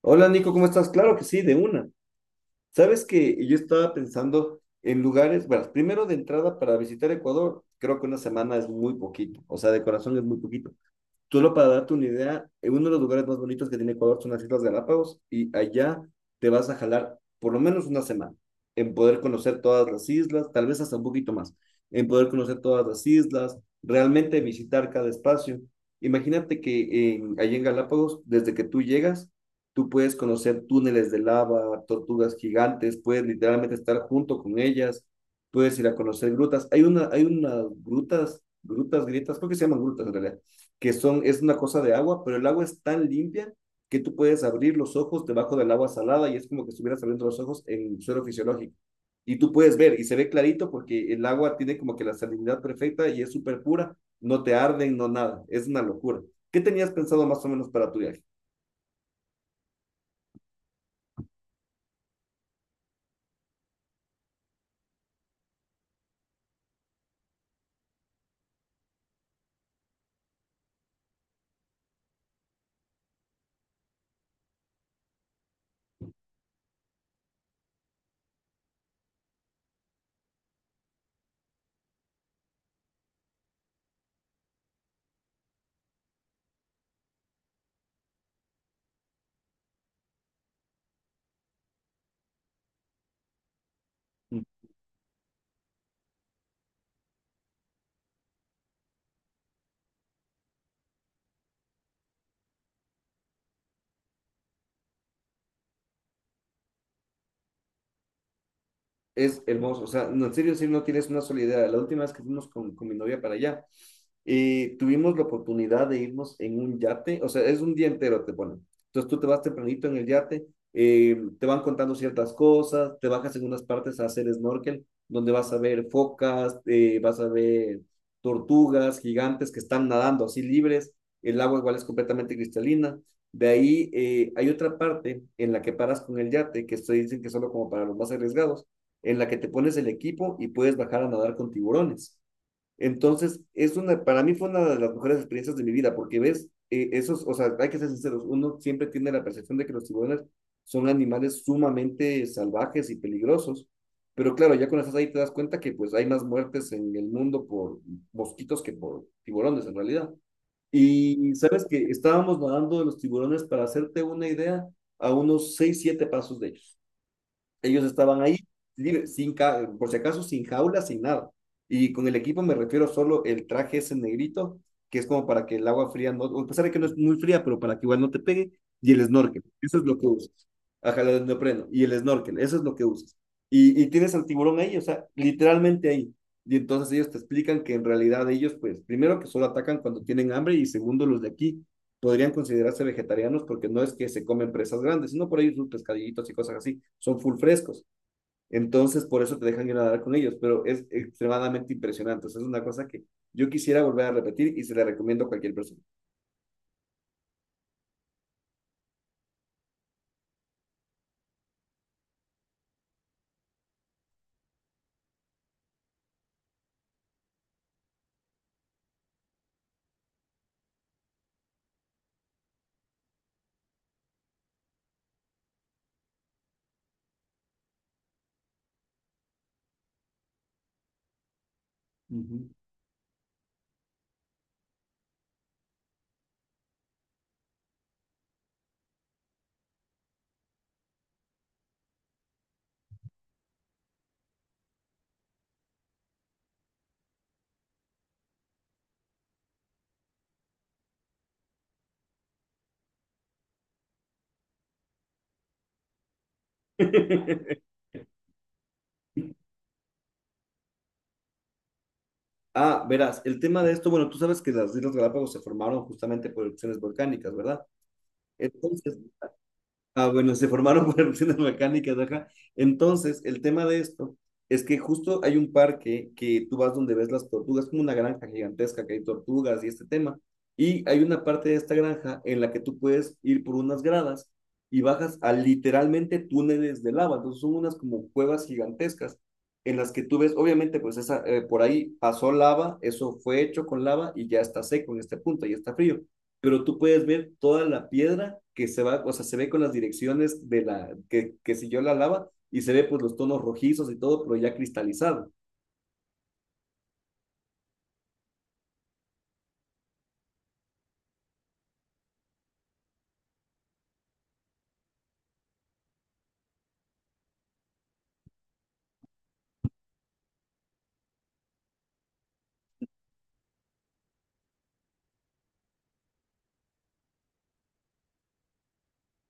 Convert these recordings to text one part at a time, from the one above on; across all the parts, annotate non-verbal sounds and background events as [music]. Hola Nico, ¿cómo estás? Claro que sí, de una. Sabes que yo estaba pensando en lugares, bueno, primero de entrada para visitar Ecuador, creo que una semana es muy poquito, o sea, de corazón es muy poquito. Tú Solo para darte una idea, uno de los lugares más bonitos que tiene Ecuador son las Islas Galápagos, y allá te vas a jalar por lo menos una semana en poder conocer todas las islas, tal vez hasta un poquito más, en poder conocer todas las islas, realmente visitar cada espacio. Imagínate que allí en Galápagos, desde que tú llegas, tú puedes conocer túneles de lava, tortugas gigantes, puedes literalmente estar junto con ellas, puedes ir a conocer grutas. Hay unas grietas, creo que se llaman grutas en realidad, que son, es una cosa de agua, pero el agua es tan limpia que tú puedes abrir los ojos debajo del agua salada y es como que estuvieras abriendo los ojos en suelo fisiológico. Y tú puedes ver y se ve clarito porque el agua tiene como que la salinidad perfecta y es súper pura, no te arden, no nada, es una locura. ¿Qué tenías pensado más o menos para tu viaje? Mm. Es hermoso, o sea, no, en serio, sí, no tienes una sola idea. La última vez que fuimos con mi novia para allá, tuvimos la oportunidad de irnos en un yate, o sea, es un día entero, te ponen. Entonces tú te vas tempranito en el yate, te van contando ciertas cosas, te bajas en unas partes a hacer snorkel, donde vas a ver focas, vas a ver tortugas gigantes que están nadando así libres, el agua igual es completamente cristalina. De ahí hay otra parte en la que paras con el yate, que esto dicen que es solo como para los más arriesgados, en la que te pones el equipo y puedes bajar a nadar con tiburones. Entonces, es una, para mí fue una de las mejores experiencias de mi vida, porque ves, esos, o sea, hay que ser sinceros, uno siempre tiene la percepción de que los tiburones son animales sumamente salvajes y peligrosos, pero claro, ya cuando estás ahí te das cuenta que pues hay más muertes en el mundo por mosquitos que por tiburones en realidad. Y sabes que estábamos nadando de los tiburones, para hacerte una idea, a unos 6 7 pasos de ellos. Ellos estaban ahí, libre, sin, por si acaso, sin jaula, sin nada. Y con el equipo me refiero solo el traje ese negrito, que es como para que el agua fría, no, a pesar de que no es muy fría, pero para que igual no te pegue, y el snorkel. Eso es lo que usas. Ajá, el neopreno. Y el snorkel, eso es lo que usas. Y tienes al tiburón ahí, o sea, literalmente ahí. Y entonces ellos te explican que en realidad ellos, pues, primero que solo atacan cuando tienen hambre y segundo los de aquí podrían considerarse vegetarianos porque no es que se comen presas grandes, sino por ahí sus pescadillitos y cosas así, son full frescos. Entonces, por eso te dejan ir a nadar con ellos, pero es extremadamente impresionante. O sea, es una cosa que yo quisiera volver a repetir y se la recomiendo a cualquier persona. Uh -huh. [laughs] ah, verás, el tema de esto, bueno, tú sabes que las Islas Galápagos se formaron justamente por erupciones volcánicas, ¿verdad? Entonces, ah, bueno, se formaron [laughs] por erupciones volcánicas, ajá. Entonces, el tema de esto es que justo hay un parque que tú vas donde ves las tortugas, como una granja gigantesca que hay tortugas y este tema. Y hay una parte de esta granja en la que tú puedes ir por unas gradas y bajas a literalmente túneles de lava. Entonces, son unas como cuevas gigantescas en las que tú ves, obviamente, pues esa, por ahí pasó lava, eso fue hecho con lava y ya está seco en este punto, ya está frío, pero tú puedes ver toda la piedra que se va, o sea, se ve con las direcciones de la, que siguió la lava, y se ve pues los tonos rojizos y todo, pero ya cristalizado.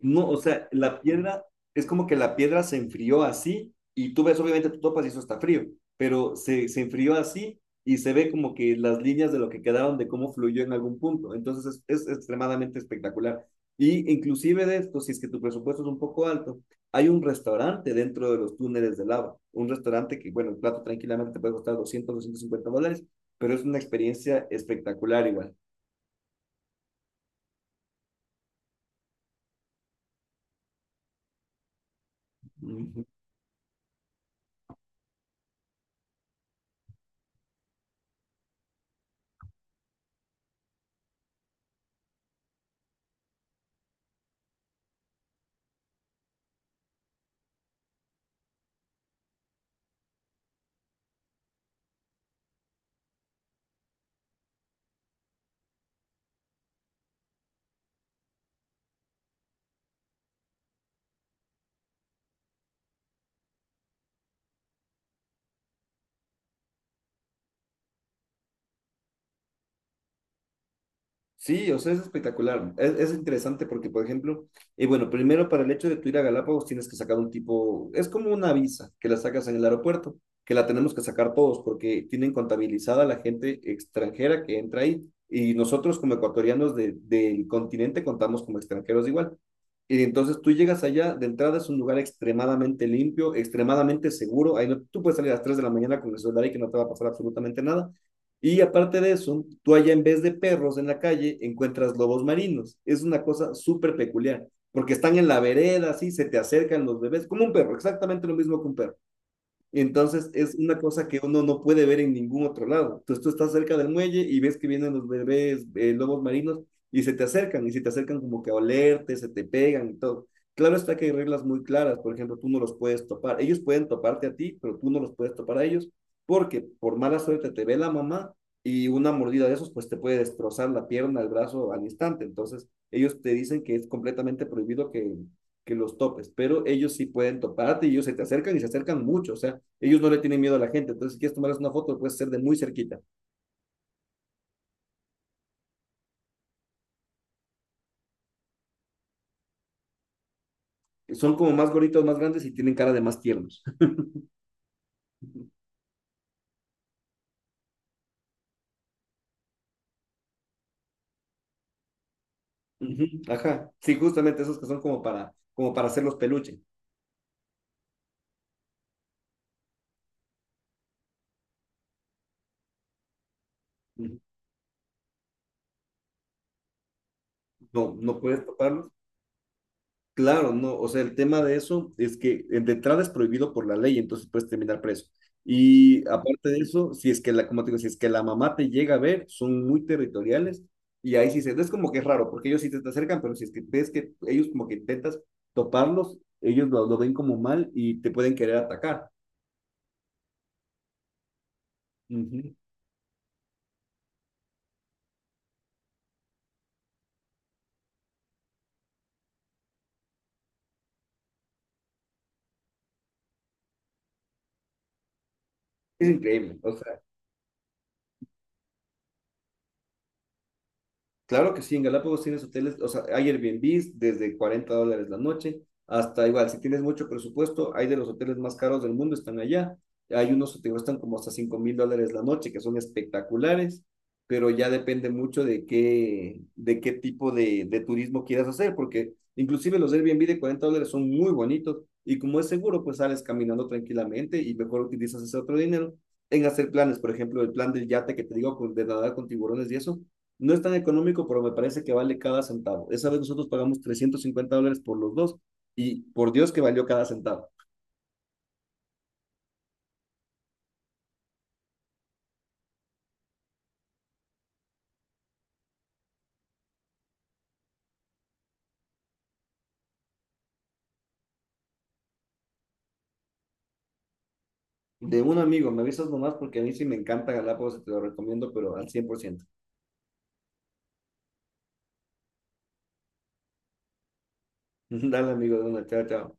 No, o sea, la piedra, es como que la piedra se enfrió así y tú ves, obviamente tú topas y eso está frío, pero se enfrió así y se ve como que las líneas de lo que quedaron, de cómo fluyó en algún punto. Entonces es extremadamente espectacular. Y inclusive de esto, si es que tu presupuesto es un poco alto, hay un restaurante dentro de los túneles de lava, un restaurante que, bueno, el plato tranquilamente te puede costar 200, $250, pero es una experiencia espectacular igual. Ujú. Sí, o sea, es espectacular. Es interesante porque, por ejemplo, bueno, primero para el hecho de tu ir a Galápagos tienes que sacar un tipo, es como una visa que la sacas en el aeropuerto, que la tenemos que sacar todos porque tienen contabilizada la gente extranjera que entra ahí y nosotros como ecuatorianos del continente contamos como extranjeros igual. Y entonces tú llegas allá, de entrada es un lugar extremadamente limpio, extremadamente seguro. Ahí no, tú puedes salir a las 3 de la mañana con el celular y que no te va a pasar absolutamente nada. Y aparte de eso, tú allá en vez de perros en la calle encuentras lobos marinos. Es una cosa súper peculiar, porque están en la vereda, así se te acercan los bebés, como un perro, exactamente lo mismo que un perro. Entonces es una cosa que uno no puede ver en ningún otro lado. Entonces tú estás cerca del muelle y ves que vienen los bebés, lobos marinos, y se te acercan y se te acercan como que a olerte, se te pegan y todo. Claro está que hay reglas muy claras, por ejemplo, tú no los puedes topar. Ellos pueden toparte a ti, pero tú no los puedes topar a ellos porque por mala suerte te ve la mamá y una mordida de esos pues te puede destrozar la pierna, el brazo al instante. Entonces ellos te dicen que es completamente prohibido que los topes, pero ellos sí pueden toparte y ellos se te acercan y se acercan mucho, o sea, ellos no le tienen miedo a la gente. Entonces, si quieres tomarles una foto, lo puedes hacer de muy cerquita. Son como más gorditos, más grandes y tienen cara de más tiernos. Ujú, ajá. Sí, justamente esos que son como para, como para hacerlos peluche. Ujú. No, no puedes toparlos. Claro, no, o sea, el tema de eso es que de entrada es prohibido por la ley, entonces puedes terminar preso. Y aparte de eso, si es que la, como te digo, si es que la mamá te llega a ver, son muy territoriales y ahí sí se, no es como que es raro, porque ellos sí te acercan, pero si es que ves que ellos como que intentas toparlos, ellos lo ven como mal y te pueden querer atacar. Ujú. Es increíble, o sea, claro que sí, en Galápagos tienes hoteles, o sea, hay Airbnbs desde $40 la noche, hasta igual, si tienes mucho presupuesto, hay de los hoteles más caros del mundo, están allá. Hay unos que te cuestan como hasta 5 mil dólares la noche, que son espectaculares, pero ya depende mucho de qué tipo de turismo quieras hacer, porque inclusive los Airbnb de $40 son muy bonitos y como es seguro, pues sales caminando tranquilamente y mejor utilizas ese otro dinero en hacer planes, por ejemplo, el plan del yate que te digo, de nadar con tiburones, y eso no es tan económico, pero me parece que vale cada centavo. Esa vez nosotros pagamos $350 por los dos y por Dios que valió cada centavo. De un amigo, me avisas nomás porque a mí sí me encanta Galápagos y te lo recomiendo, pero al 100%. [laughs] Dale, amigo, de una, chao, chao.